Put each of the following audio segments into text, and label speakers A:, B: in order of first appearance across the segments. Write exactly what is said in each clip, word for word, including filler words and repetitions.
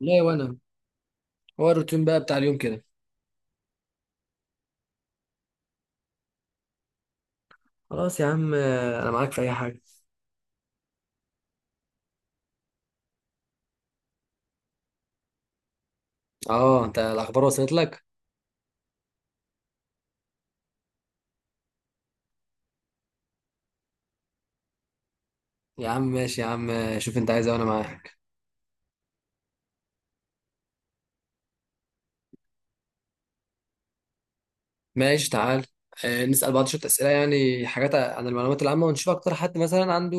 A: ليه وانا؟ هو الروتين بقى بتاع اليوم كده؟ خلاص يا عم، آه، انا معاك في اي حاجه. اه، انت الاخبار وصلت لك؟ يا عم ماشي، يا عم شوف انت عايز إيه وانا معاك. ماشي تعال، آه، نسأل بعض شوية أسئلة، يعني حاجات عن المعلومات العامة ونشوف أكتر حد مثلا عنده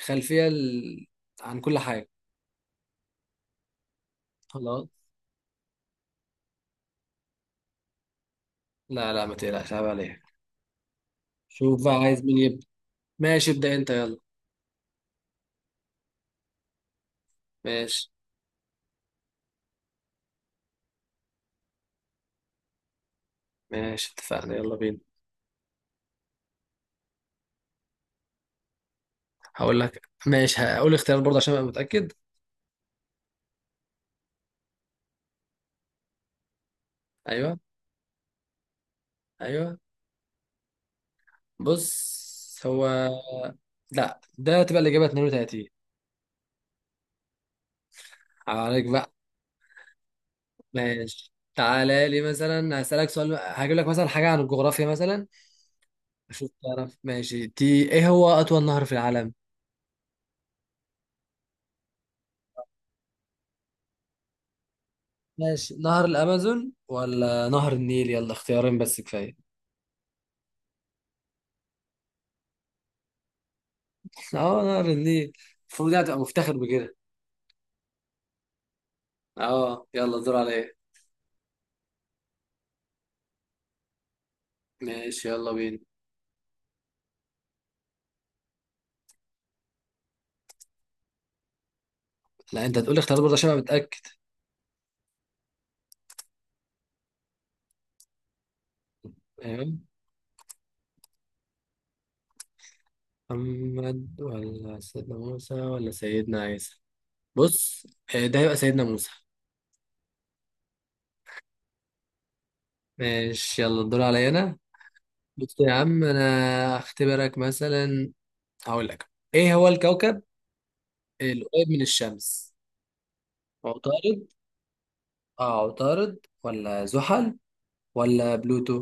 A: خلفية ال... عن كل حاجة. خلاص، لا لا ما تقلقش عيب عليك. شوف بقى عايز مين يبدأ. ماشي ابدأ أنت يلا. ماشي. ماشي اتفقنا يلا بينا. هقول لك ماشي، هقول اختيار برضه عشان أبقى متأكد. أيوه. أيوه. بص هو. لا، ده تبقى الإجابة اتنين وتلاتين. عليك بقى. ماشي تعالى لي مثلا هسألك سؤال، هجيب لك مثلا حاجة عن الجغرافيا مثلا. أشوف تعرف ماشي تي، إيه هو أطول نهر في العالم؟ ماشي، نهر الأمازون ولا نهر النيل، يلا اختيارين بس كفاية. اه، نهر النيل. المفروض يعني تبقى مفتخر بكده. اه يلا، الدور عليا. ماشي يلا بينا. لا انت هتقولي اختيارات برضه عشان ابقى متأكد. تمام. محمد ولا سيدنا موسى ولا سيدنا عيسى. بص، آه، ده يبقى سيدنا موسى. ماشي يلا الدور عليا انا. بص يا عم انا اختبرك مثلا، هقول لك ايه هو الكوكب القريب من الشمس. عطارد. اه، عطارد ولا زحل ولا بلوتو؟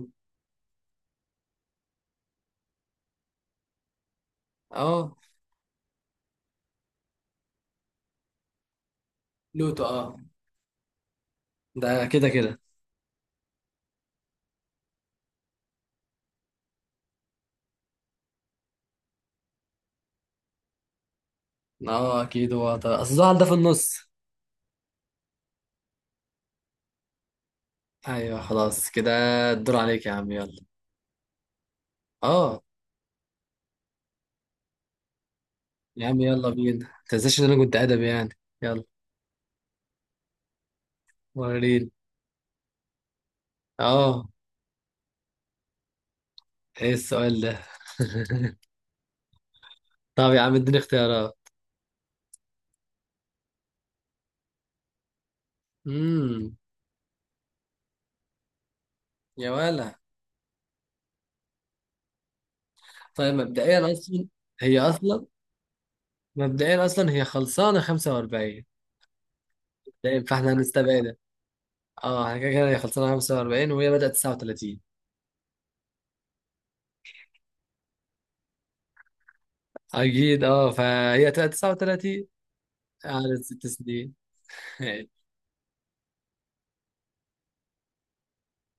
A: اه، بلوتو. اه ده كده كده. اه اكيد هو عطارد، اصل زحل ده في النص. ايوه، خلاص كده. الدور عليك يا عم يلا. اه، يا عم يلا بينا ما تنساش ان انا كنت ادبي يعني. يلا. وريني. اه. ايه السؤال ده؟ طب يا عم اديني اختيارات. امم. يا ولا. طيب مبدئيا اصلا. هي اصلا مبدئيا اصلا هي خلصانه خمسة وأربعين. طيب فاحنا هنستبعدها. اه احنا كده كده هي خلصانه خمسة وأربعين وهي بدات تسعة وتلاتين. اكيد اه، فهي تبقى تسعة وثلاثين. قعدت ست سنين.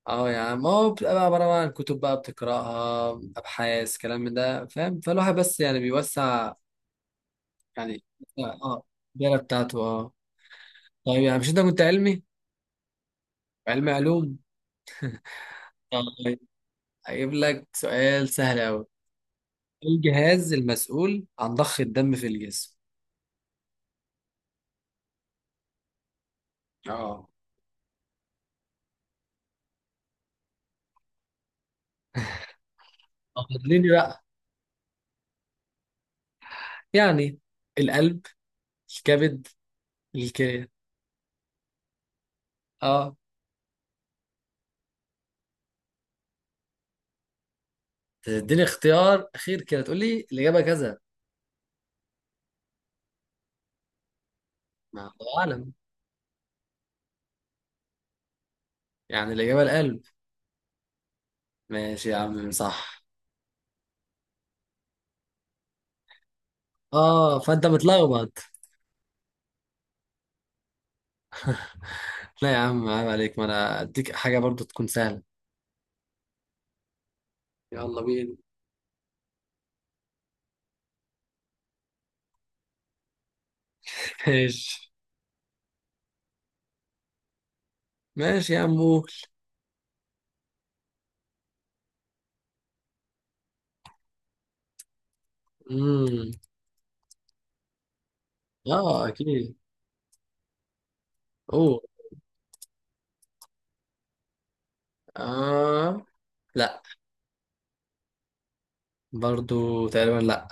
A: اه يا عم هو بتبقى بقى عباره بقى عن كتب بقى بتقراها، ابحاث، كلام من ده فاهم، فالواحد بس يعني بيوسع، يعني. اه، الدايره بتاعته اه. طيب يعني مش انت كنت علمي؟ علمي علوم. آه، طيب هجيب لك سؤال سهل أوي. إيه الجهاز المسؤول عن ضخ الدم في الجسم؟ اه. أخدني بقى. يعني القلب، الكبد، الكلى. اه. تديني اختيار أخير كده تقول لي الإجابة كذا. ما الله أعلم. يعني الإجابة القلب. ماشي يا عم صح. اه فأنت متلخبط. لا يا عم عيب عليك، ما أنا أديك حاجة برضو تكون سهلة. يلا بينا. ماشي. ماشي يا عم قول. امم. اه اكيد. قول. اه. لا. برضو تقريبا لا.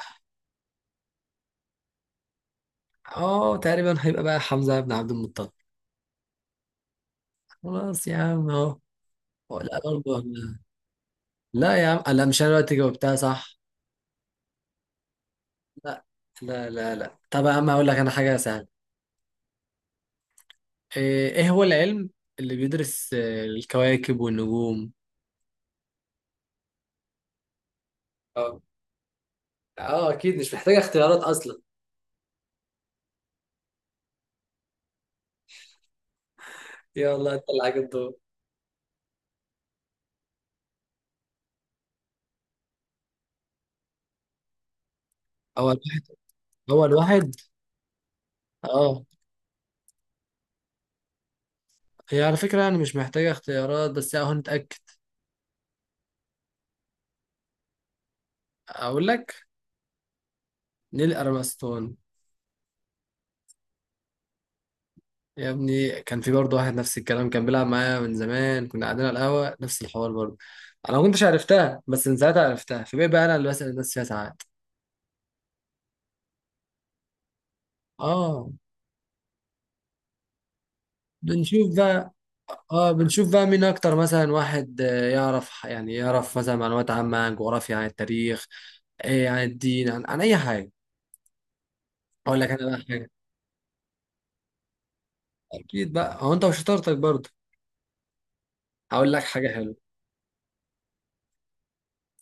A: اه تقريبا هيبقى بقى حمزة بن عبد المطلب. خلاص يا عم اهو. هو لا برضو أنا- لا يا عم لا، مش انا دلوقتي جاوبتها صح. لا لا لا. لا طب يا عم هقول لك انا حاجة سهلة. ايه، إيه هو العلم اللي بيدرس آه، الكواكب والنجوم؟ اه. اه اكيد مش محتاجة اختيارات اصلا. يلا انت اللي عليك الدور. اول واحد. اول واحد اه. هي على فكرة يعني مش محتاجة اختيارات، بس اهو نتأكد. اقول لك. نيل ارمسترونج. يا ابني كان في برضه واحد نفس الكلام كان بيلعب معايا من زمان، كنا قاعدين على القهوة نفس الحوار برضه. انا ما كنتش عرفتها، بس من ساعتها عرفتها، فبقى بقى انا اللي بسأل الناس فيها ساعات. اه، بنشوف بقى. اه بنشوف بقى مين اكتر مثلا، واحد آه، يعرف، يعني يعرف مثلا معلومات عامة عن جغرافيا، عن التاريخ، آه، عن الدين، عن, عن اي حاجة. اقول لك انا بقى حاجة. اكيد بقى هو انت وشطارتك برضه. هقول لك حاجة حلوة.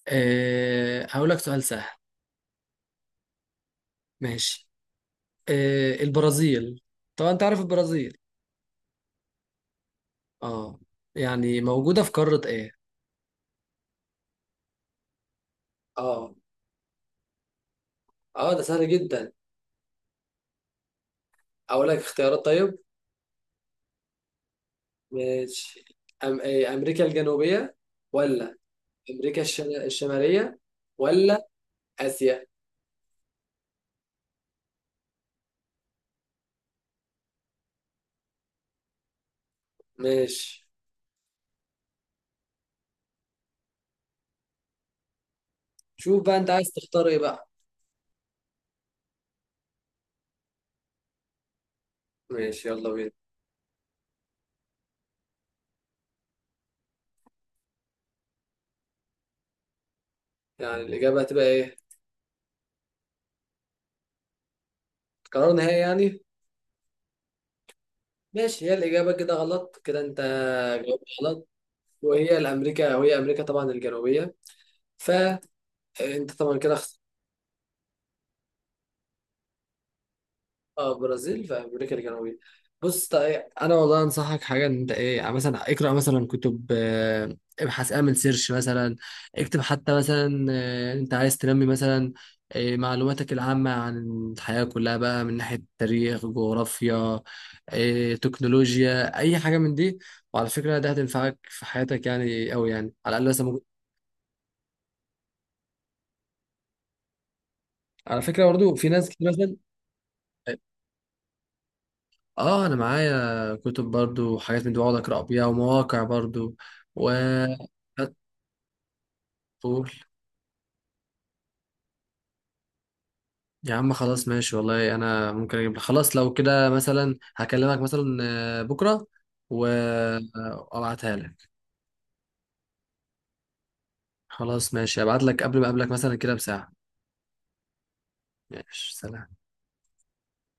A: آه، هقول لك سؤال سهل. ماشي، آه، البرازيل، طبعا انت عارف البرازيل. اه. يعني موجودة في قارة ايه؟ اه. اه ده سهل جدا. اقول لك اختيارات طيب. ماشي. أم... إيه، امريكا الجنوبية، ولا امريكا الشم... الشمالية، ولا اسيا. ماشي. شوف بقى انت عايز تختار ايه بقى. ماشي يلا بينا. يعني الاجابة هتبقى ايه؟ قرار نهائي يعني. ماشي، هي الاجابة كده غلط، كده انت جاوبت غلط. وهي الامريكا، وهي امريكا طبعا الجنوبية. فانت طبعا كده. اه، برازيل في امريكا الجنوبيه. بص طيب انا والله انصحك حاجه، ان انت ايه، يعني مثلا اقرا مثلا كتب، آه، ابحث، اعمل سيرش مثلا. اكتب حتى مثلا، آه، انت عايز تنمي مثلا آه، معلوماتك العامه عن الحياه كلها بقى، من ناحيه تاريخ، جغرافيا، آه، تكنولوجيا، اي حاجه من دي. وعلى فكره ده هتنفعك في حياتك يعني قوي، يعني على الاقل مثلا ممكن. على فكره برضو في ناس كتير مثلا. اه، انا معايا كتب برضو وحاجات من دي، بقعد اقرا بيها، ومواقع برضو. و. قول. يا عم خلاص ماشي والله، انا ممكن اجيب لك، خلاص لو كده مثلا هكلمك مثلا آه، بكره وابعتها لك. خلاص ماشي، ابعت لك قبل ما اقابلك مثلا كده بساعه. ماشي، سلام.